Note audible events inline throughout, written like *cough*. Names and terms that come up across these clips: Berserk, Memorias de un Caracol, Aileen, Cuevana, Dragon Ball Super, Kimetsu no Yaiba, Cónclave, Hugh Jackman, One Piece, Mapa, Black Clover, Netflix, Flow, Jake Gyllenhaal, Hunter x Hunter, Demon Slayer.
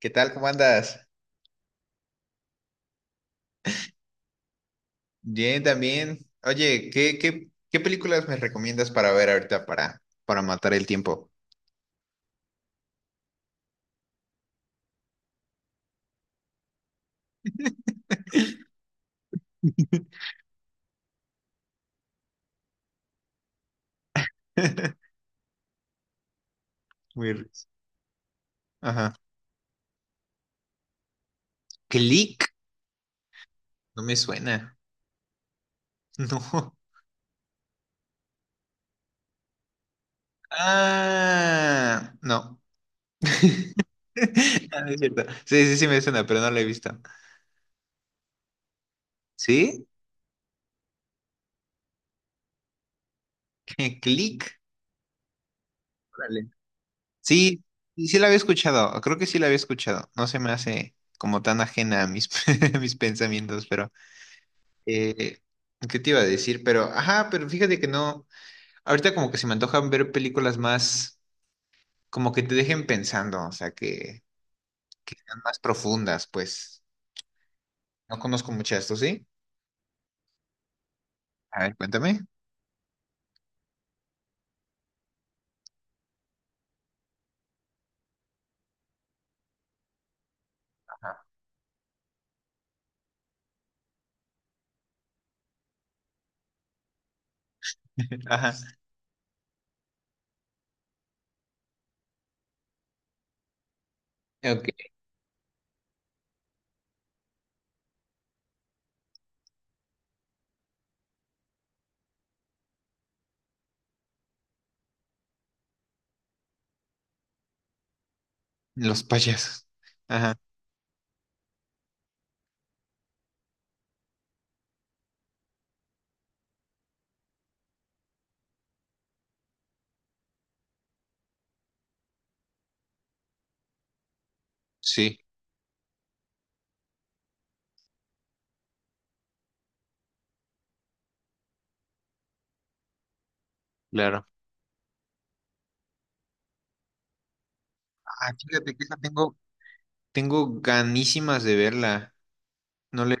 ¿Qué tal? ¿Cómo andas? Bien, también. Oye, ¿qué películas me recomiendas para ver ahorita para matar el tiempo? *laughs* Muy r- Ajá. ¿Click? No me suena. *laughs* No. Ah, no. *laughs* Ah, no es cierto. Sí, sí, sí me suena, pero no la he visto. ¿Sí? *laughs* ¿Click? Órale. Sí, sí, sí la había escuchado. Creo que sí la había escuchado. No se me hace como tan ajena a mis, *laughs* a mis pensamientos, pero. Eh, ¿Qué te iba a decir? Pero, ajá, pero fíjate que no. Ahorita como que se me antojan ver películas más, como que te dejen pensando, o sea, que sean más profundas, pues. No conozco mucho esto, ¿sí? A ver, cuéntame. Ajá. *laughs* Ajá. Ok. Los payasos. Ajá. Sí, claro. Ah, fíjate que esa tengo, ganísimas de verla. No le.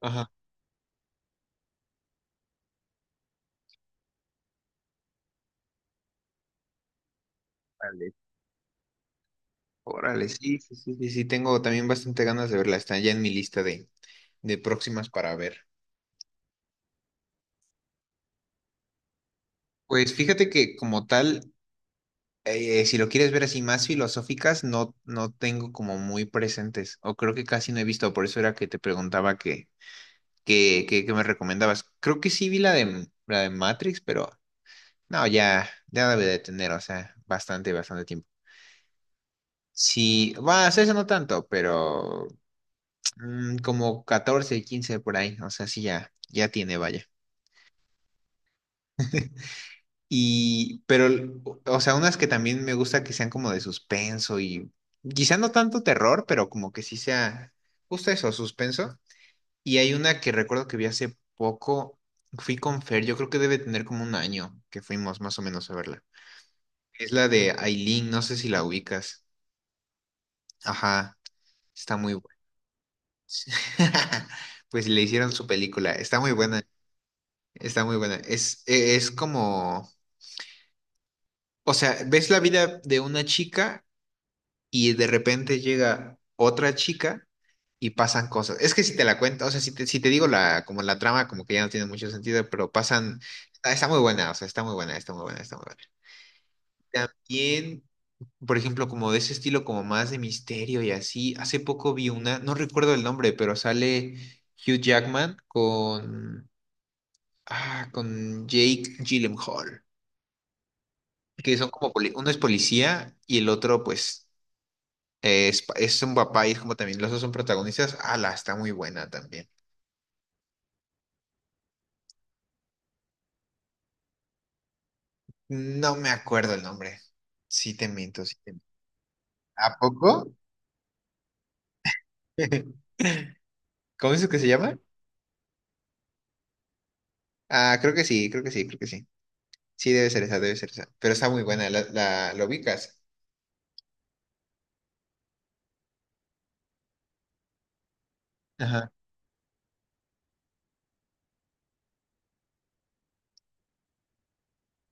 Ajá. Órale, órale, sí, sí, sí, sí, sí, tengo también bastante ganas de verla. Está ya en mi lista de próximas para ver. Pues fíjate que como tal, si lo quieres ver así más filosóficas, no, no tengo como muy presentes, o creo que casi no he visto, por eso era que te preguntaba que, me recomendabas. Creo que sí vi la de Matrix, pero no, ya, ya debe de tener, o sea, bastante, bastante tiempo. Sí, va, o sea, eso no tanto, pero como 14 15 por ahí, o sea, sí ya, ya tiene, vaya. Y, pero, o sea, unas que también me gusta que sean como de suspenso y quizá no tanto terror, pero como que sí sea justo eso, suspenso. Y hay una que recuerdo que vi hace poco, fui con Fer, yo creo que debe tener como un año que fuimos más o menos a verla. Es la de Aileen, no sé si la ubicas. Ajá, está muy buena. *laughs* Pues le hicieron su película, está muy buena, está muy buena. Es como, o sea, ves la vida de una chica y de repente llega otra chica y pasan cosas. Es que si te la cuento, o sea, si te, digo la, como la trama, como que ya no tiene mucho sentido, pero pasan, está muy buena, o sea, está muy buena, está muy buena, está muy buena. También, por ejemplo, como de ese estilo, como más de misterio y así, hace poco vi una, no recuerdo el nombre, pero sale Hugh Jackman con Jake Gyllenhaal, que son como, uno es policía y el otro, pues, Es un papá y es como también los dos son protagonistas. La está muy buena también. No me acuerdo el nombre. Sí te miento, sí te miento. ¿A poco? *laughs* ¿Cómo es que se llama? Ah, creo que sí, creo que sí, creo que sí. Sí, debe ser esa, debe ser esa. Pero está muy buena, la, ¿lo ubicas? Ajá.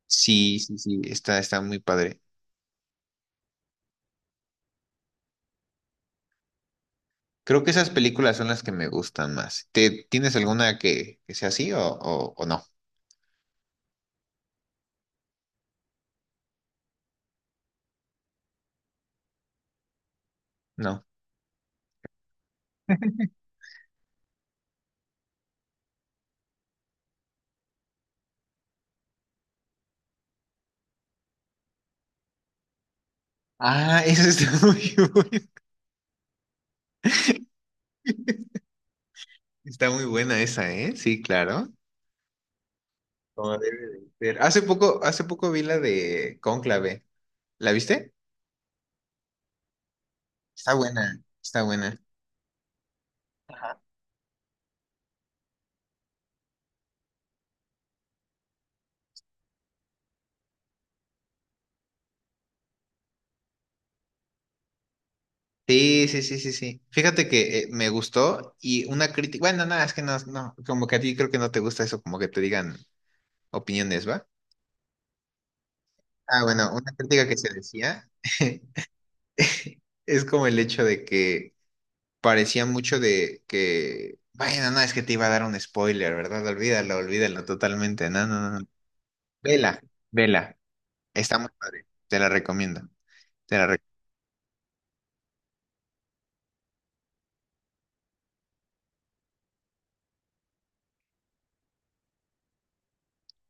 Sí, sí, sí, está muy padre. Creo que esas películas son las que me gustan más. ¿Tienes alguna que sea así o no? No. Ah, esa está *laughs* muy buena. Está muy buena esa, ¿eh? Sí, claro. Como debe de ser. Hace poco vi la de Cónclave. ¿La viste? Está buena, está buena. Ajá. Sí, sí, sí, sí, sí. Fíjate que me gustó y una crítica. Bueno, nada, es que no, como que a ti creo que no te gusta eso, como que te digan opiniones, ¿va? Ah, bueno, una crítica que se decía *laughs* es como el hecho de que parecía mucho de que, bueno, no, es que te iba a dar un spoiler, ¿verdad? Olvídalo, olvídalo totalmente. No, no, no, no. Vela, vela. Está muy padre. Te la recomiendo. te la rec-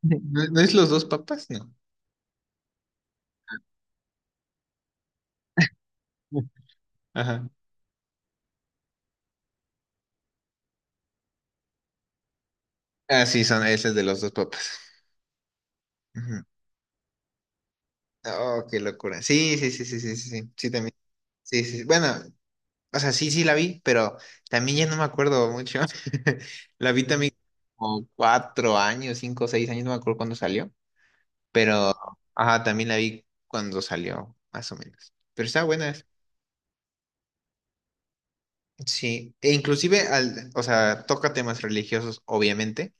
¿No, no es los dos papas? No. Ajá. Ah, sí, son, ese es de los dos papas. Ujú. Oh, qué locura. Sí, sí, sí, sí, sí, sí, sí, sí, también. Sí, sí, sí. Bueno, o sea, sí, sí la vi, pero también ya no me acuerdo mucho. *laughs* La vi también como 4 años, 5, 6 años, no me acuerdo cuándo salió, pero, ajá, también la vi cuando salió, más o menos. Pero está buena. Sí, e inclusive, o sea, toca temas religiosos, obviamente.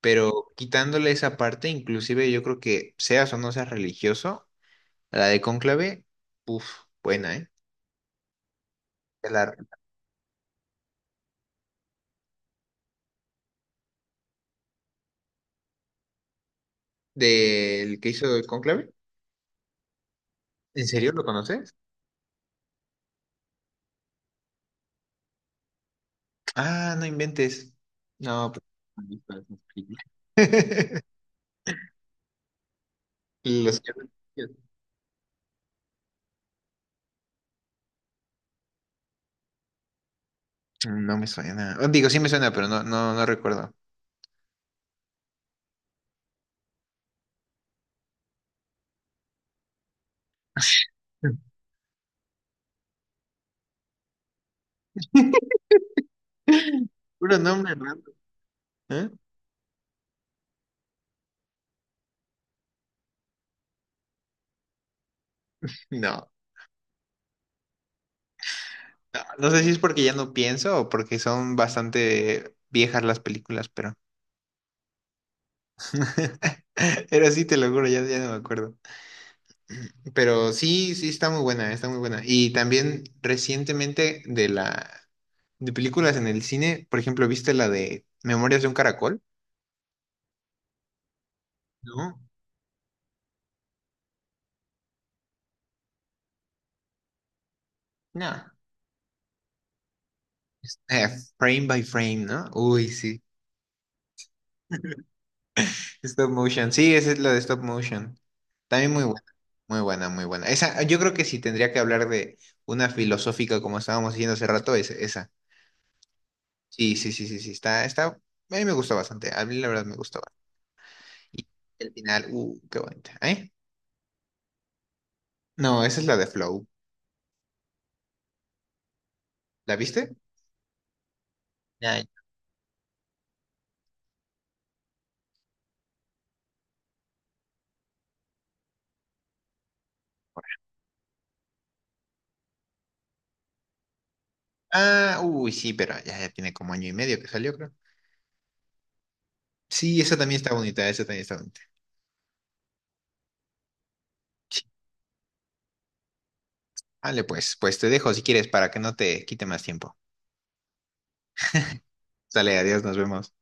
Pero quitándole esa parte, inclusive yo creo que seas o no seas religioso, la de Cónclave, uff, buena, ¿eh? De La, del que hizo el Cónclave, ¿en serio lo conoces? Ah, no inventes. No, pues, *laughs* no. Los que- *laughs* No me suena. Oh, digo, sí me suena, pero no, no, no recuerdo. *laughs* Puro nombre raro, ¿eh? No, no, no sé si es porque ya no pienso o porque son bastante viejas las películas, pero. *laughs* Era así, te lo juro, ya, ya no me acuerdo. Pero sí, sí, está muy buena, está muy buena. Y también recientemente de la de películas en el cine, por ejemplo, ¿viste la de Memorias de un Caracol? No. No. Es- eh, frame by frame, ¿no? Uy, sí. Stop motion. Sí, esa es la de stop motion. También muy buena, muy buena, muy buena. Esa, yo creo que sí tendría que hablar de una filosófica como estábamos diciendo hace rato, es esa. Sí, sí, sí, sí, sí. Está. A mí me gusta bastante. A mí la verdad me gusta. Y el final, qué bonita. ¿Eh? No, esa es la de Flow. ¿La viste? Ya. Ah, uy, sí, pero ya, ya tiene como año y medio que salió, creo. Sí, esa también está bonita, esa también está bonita. Sí. Vale, pues te dejo si quieres para que no te quite más tiempo. Dale, adiós, nos vemos.